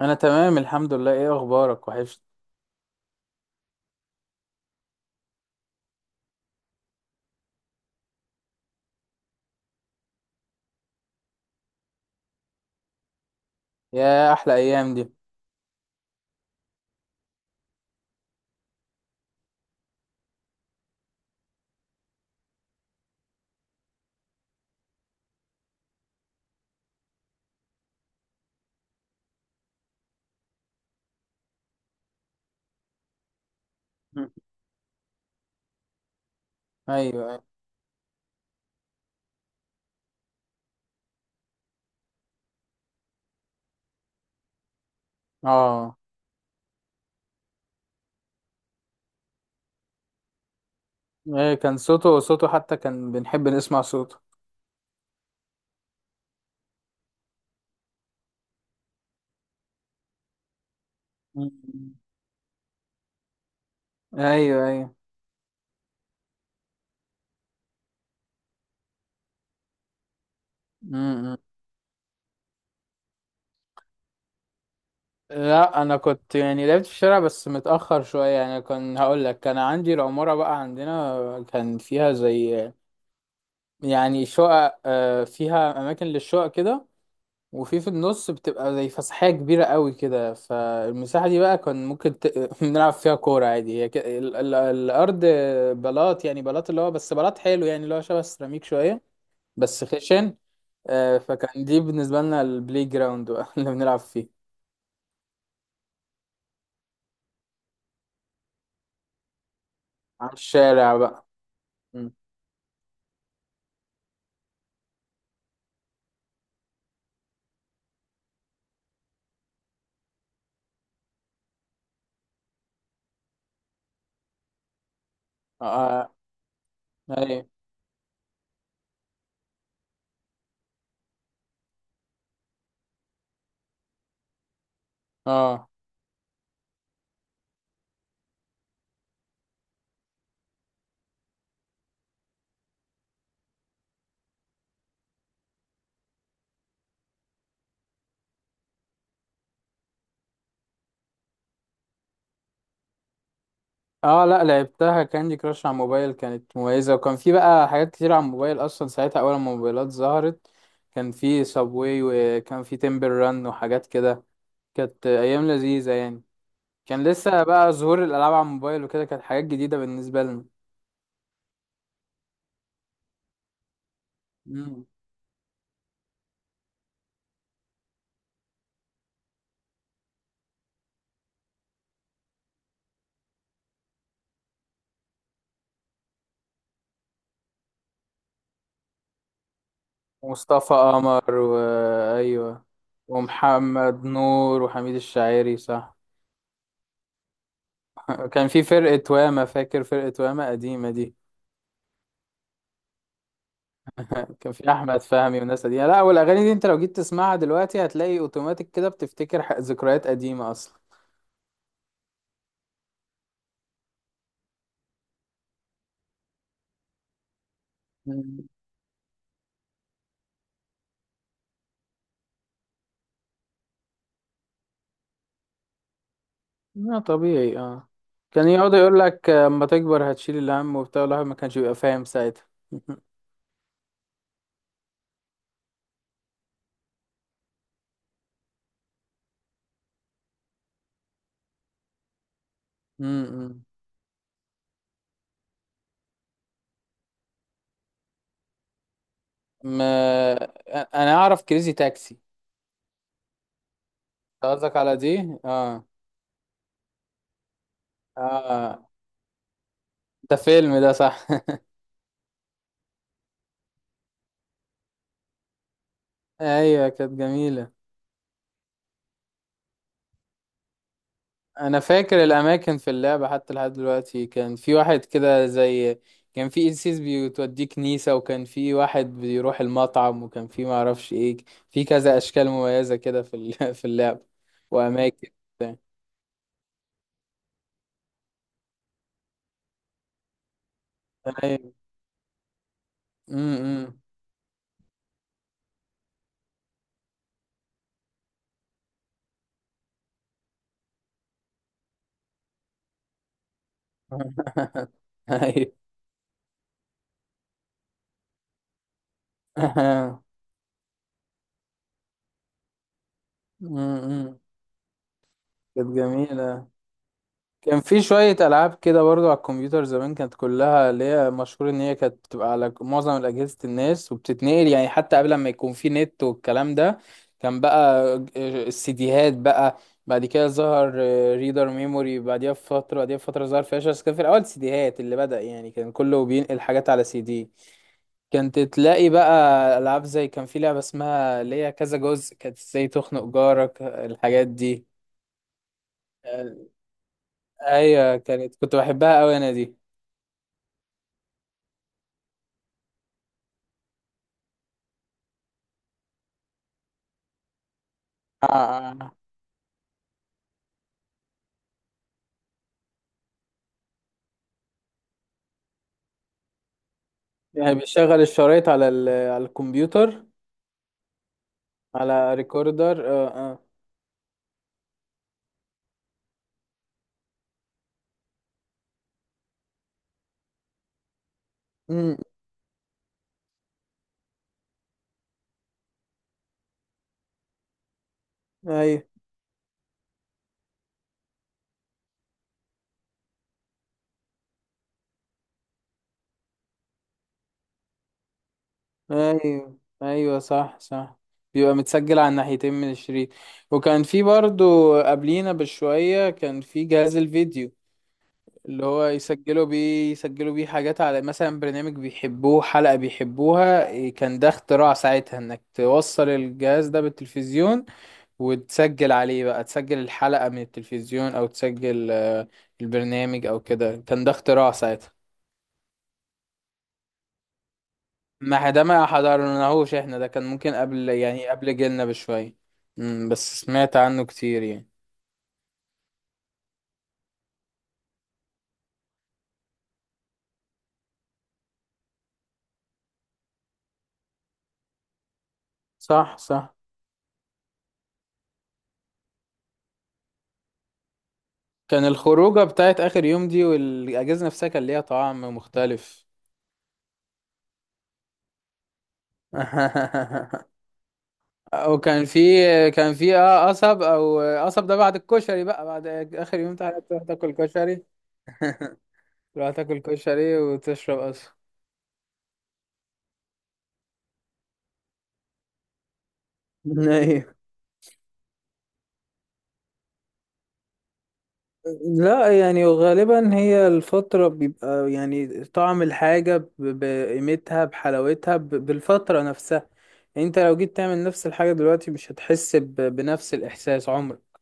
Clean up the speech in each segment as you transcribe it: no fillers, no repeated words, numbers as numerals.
انا تمام الحمد لله، ايه اخبارك؟ وحشت. يا احلى ايام دي. مم. ايوه أيوة. اه، ايه كان صوته صوته حتى كان بنحب نسمع صوته. مم. ايوه ايوه. م-م. لا، انا كنت يعني لعبت في الشارع بس متاخر شويه. يعني كان هقول لك كان عندي العماره بقى، عندنا كان فيها زي يعني شقق، فيها اماكن للشقق كده. وفي في النص بتبقى زي فسحية كبيرة قوي كده، فالمساحة دي بقى كان ممكن نلعب فيها كورة عادي. هي الأرض بلاط، يعني بلاط اللي هو بس بلاط حلو يعني اللي هو شبه السيراميك شوية، بس خشن. فكان دي بالنسبة لنا البلاي جراوند بقى اللي بنلعب فيه. على الشارع بقى. م. اه، ايوه، اه، اه. لا، لعبتها كاندي كراش على الموبايل كانت مميزة، وكان في بقى حاجات كتير على الموبايل اصلا ساعتها. اول ما الموبايلات ظهرت كان في سابواي وكان في تيمبل ران وحاجات كده. كانت ايام لذيذة يعني. كان لسه بقى ظهور الالعاب على الموبايل وكده، كانت حاجات جديدة بالنسبة لنا. مم. مصطفى قمر، وايوه، ومحمد نور وحميد الشاعري، صح. كان في فرقة واما، فاكر فرقة واما قديمة دي؟ كان في احمد فهمي والناس دي. لا، والاغاني دي انت لو جيت تسمعها دلوقتي هتلاقي اوتوماتيك كده بتفتكر ذكريات قديمه اصلا. مم. لا طبيعي، اه. كان يقعد يقول لك اما تكبر هتشيل الهم وبتاع، الواحد ما كانش بيبقى فاهم ساعتها. امم ما انا اعرف كريزي تاكسي. قصدك على دي، اه اه. ده فيلم ده، صح. ايوه، كانت جميله. انا فاكر الاماكن في اللعبه حتى لحد دلوقتي. كان في واحد كده زي، كان في قسيس بيوديه كنيسه، وكان في واحد بيروح المطعم، وكان في معرفش ايه. في كذا اشكال مميزه كده في اللعبه واماكن. بتاع. ايوه، امم ايوه امم أمم. كانت جميله. كان في شوية ألعاب كده برضو على الكمبيوتر زمان، كانت كلها اللي هي مشهور إن هي كانت بتبقى على معظم أجهزة الناس وبتتنقل يعني، حتى قبل ما يكون في نت والكلام ده. كان بقى السيديهات بقى، بعد كده ظهر ريدر ميموري بعديها بفترة، ظهر فلاش. بس كان في الأول سيديهات اللي بدأ يعني، كان كله بينقل حاجات على سي دي. كانت تلاقي بقى ألعاب زي، كان في لعبة اسمها اللي هي كذا جزء، كانت ازاي تخنق جارك، الحاجات دي. ايوه، كنت بحبها قوي انا دي. اه، اه، يعني بيشغل الشرايط على الكمبيوتر؟ على ريكوردر، اه اه. امم، ايوه ايوه ايوه، صح صح. بيبقى متسجل على الناحيتين من الشريط. وكان في برضو قبلينا بشوية كان في جهاز الفيديو، اللي هو يسجلوا بيه، حاجات على مثلا برنامج بيحبوه، حلقة بيحبوها، إيه، كان ده اختراع ساعتها، انك توصل الجهاز ده بالتلفزيون وتسجل عليه بقى، تسجل الحلقة من التلفزيون أو تسجل البرنامج أو كده. كان ده اختراع ساعتها. ما ده ما حضرناهوش احنا، ده كان ممكن قبل يعني قبل جيلنا بشوية. مم، بس سمعت عنه كتير يعني. صح صح. كان الخروجة بتاعت آخر يوم دي والأجهزة نفسها كان ليها طعم مختلف. وكان في كان في قصب. او قصب ده بعد الكشري بقى، بعد اخر يوم بتاع تروح تاكل كشري. تروح تاكل كشري وتشرب قصب. ايوه. لا يعني غالبا هي الفترة بيبقى يعني طعم الحاجة بقيمتها، بحلاوتها، بالفترة نفسها. يعني انت لو جيت تعمل نفس الحاجة دلوقتي مش هتحس بنفس الإحساس عمرك.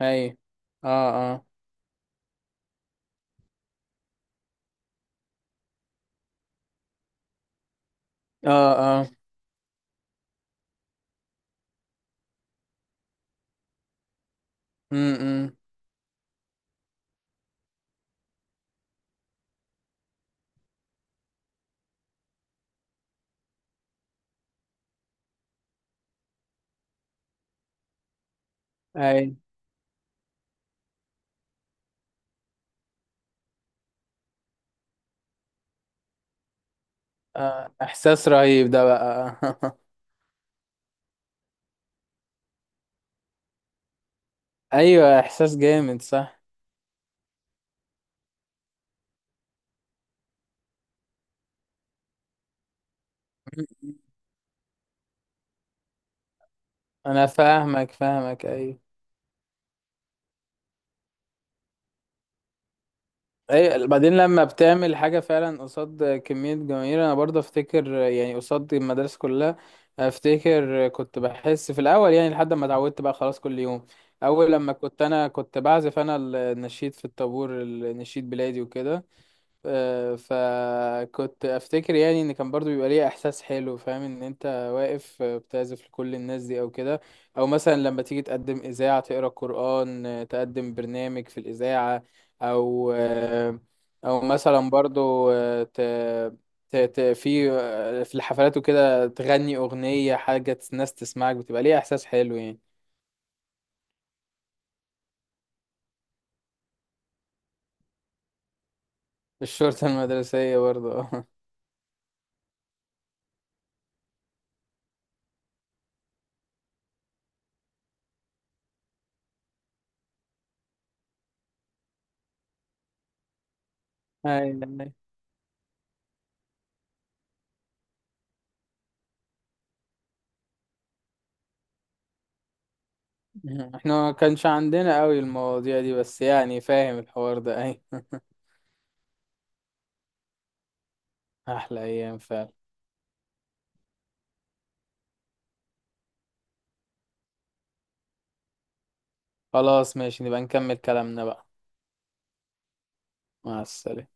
اي، اه، اه، اه، اه، امم، اي. احساس رهيب ده بقى. ايوه، احساس جامد، صح. انا فاهمك فاهمك، ايوه. اي، بعدين لما بتعمل حاجة فعلا قصاد كمية جماهير، انا برضه افتكر يعني قصاد المدرسة كلها. افتكر كنت بحس في الاول يعني لحد ما اتعودت بقى خلاص كل يوم. اول لما كنت، انا كنت بعزف انا النشيد في الطابور، النشيد بلادي وكده. فكنت افتكر يعني ان كان برضو بيبقى ليه احساس حلو، فاهم ان انت واقف بتعزف لكل الناس دي او كده. او مثلا لما تيجي تقدم اذاعة تقرا قرآن، تقدم برنامج في الاذاعة، او او مثلا برضو آه، ت... ت... ت... في آه، في الحفلات وكده تغني اغنية، حاجة الناس تسمعك، بتبقى ليه احساس حلو يعني. الشرطة المدرسية برضو. أيوة. احنا ما كانش عندنا قوي المواضيع دي، بس يعني فاهم الحوار ده، اي. احلى ايام فعلا. خلاص ماشي، نبقى نكمل كلامنا بقى. مع السلامة.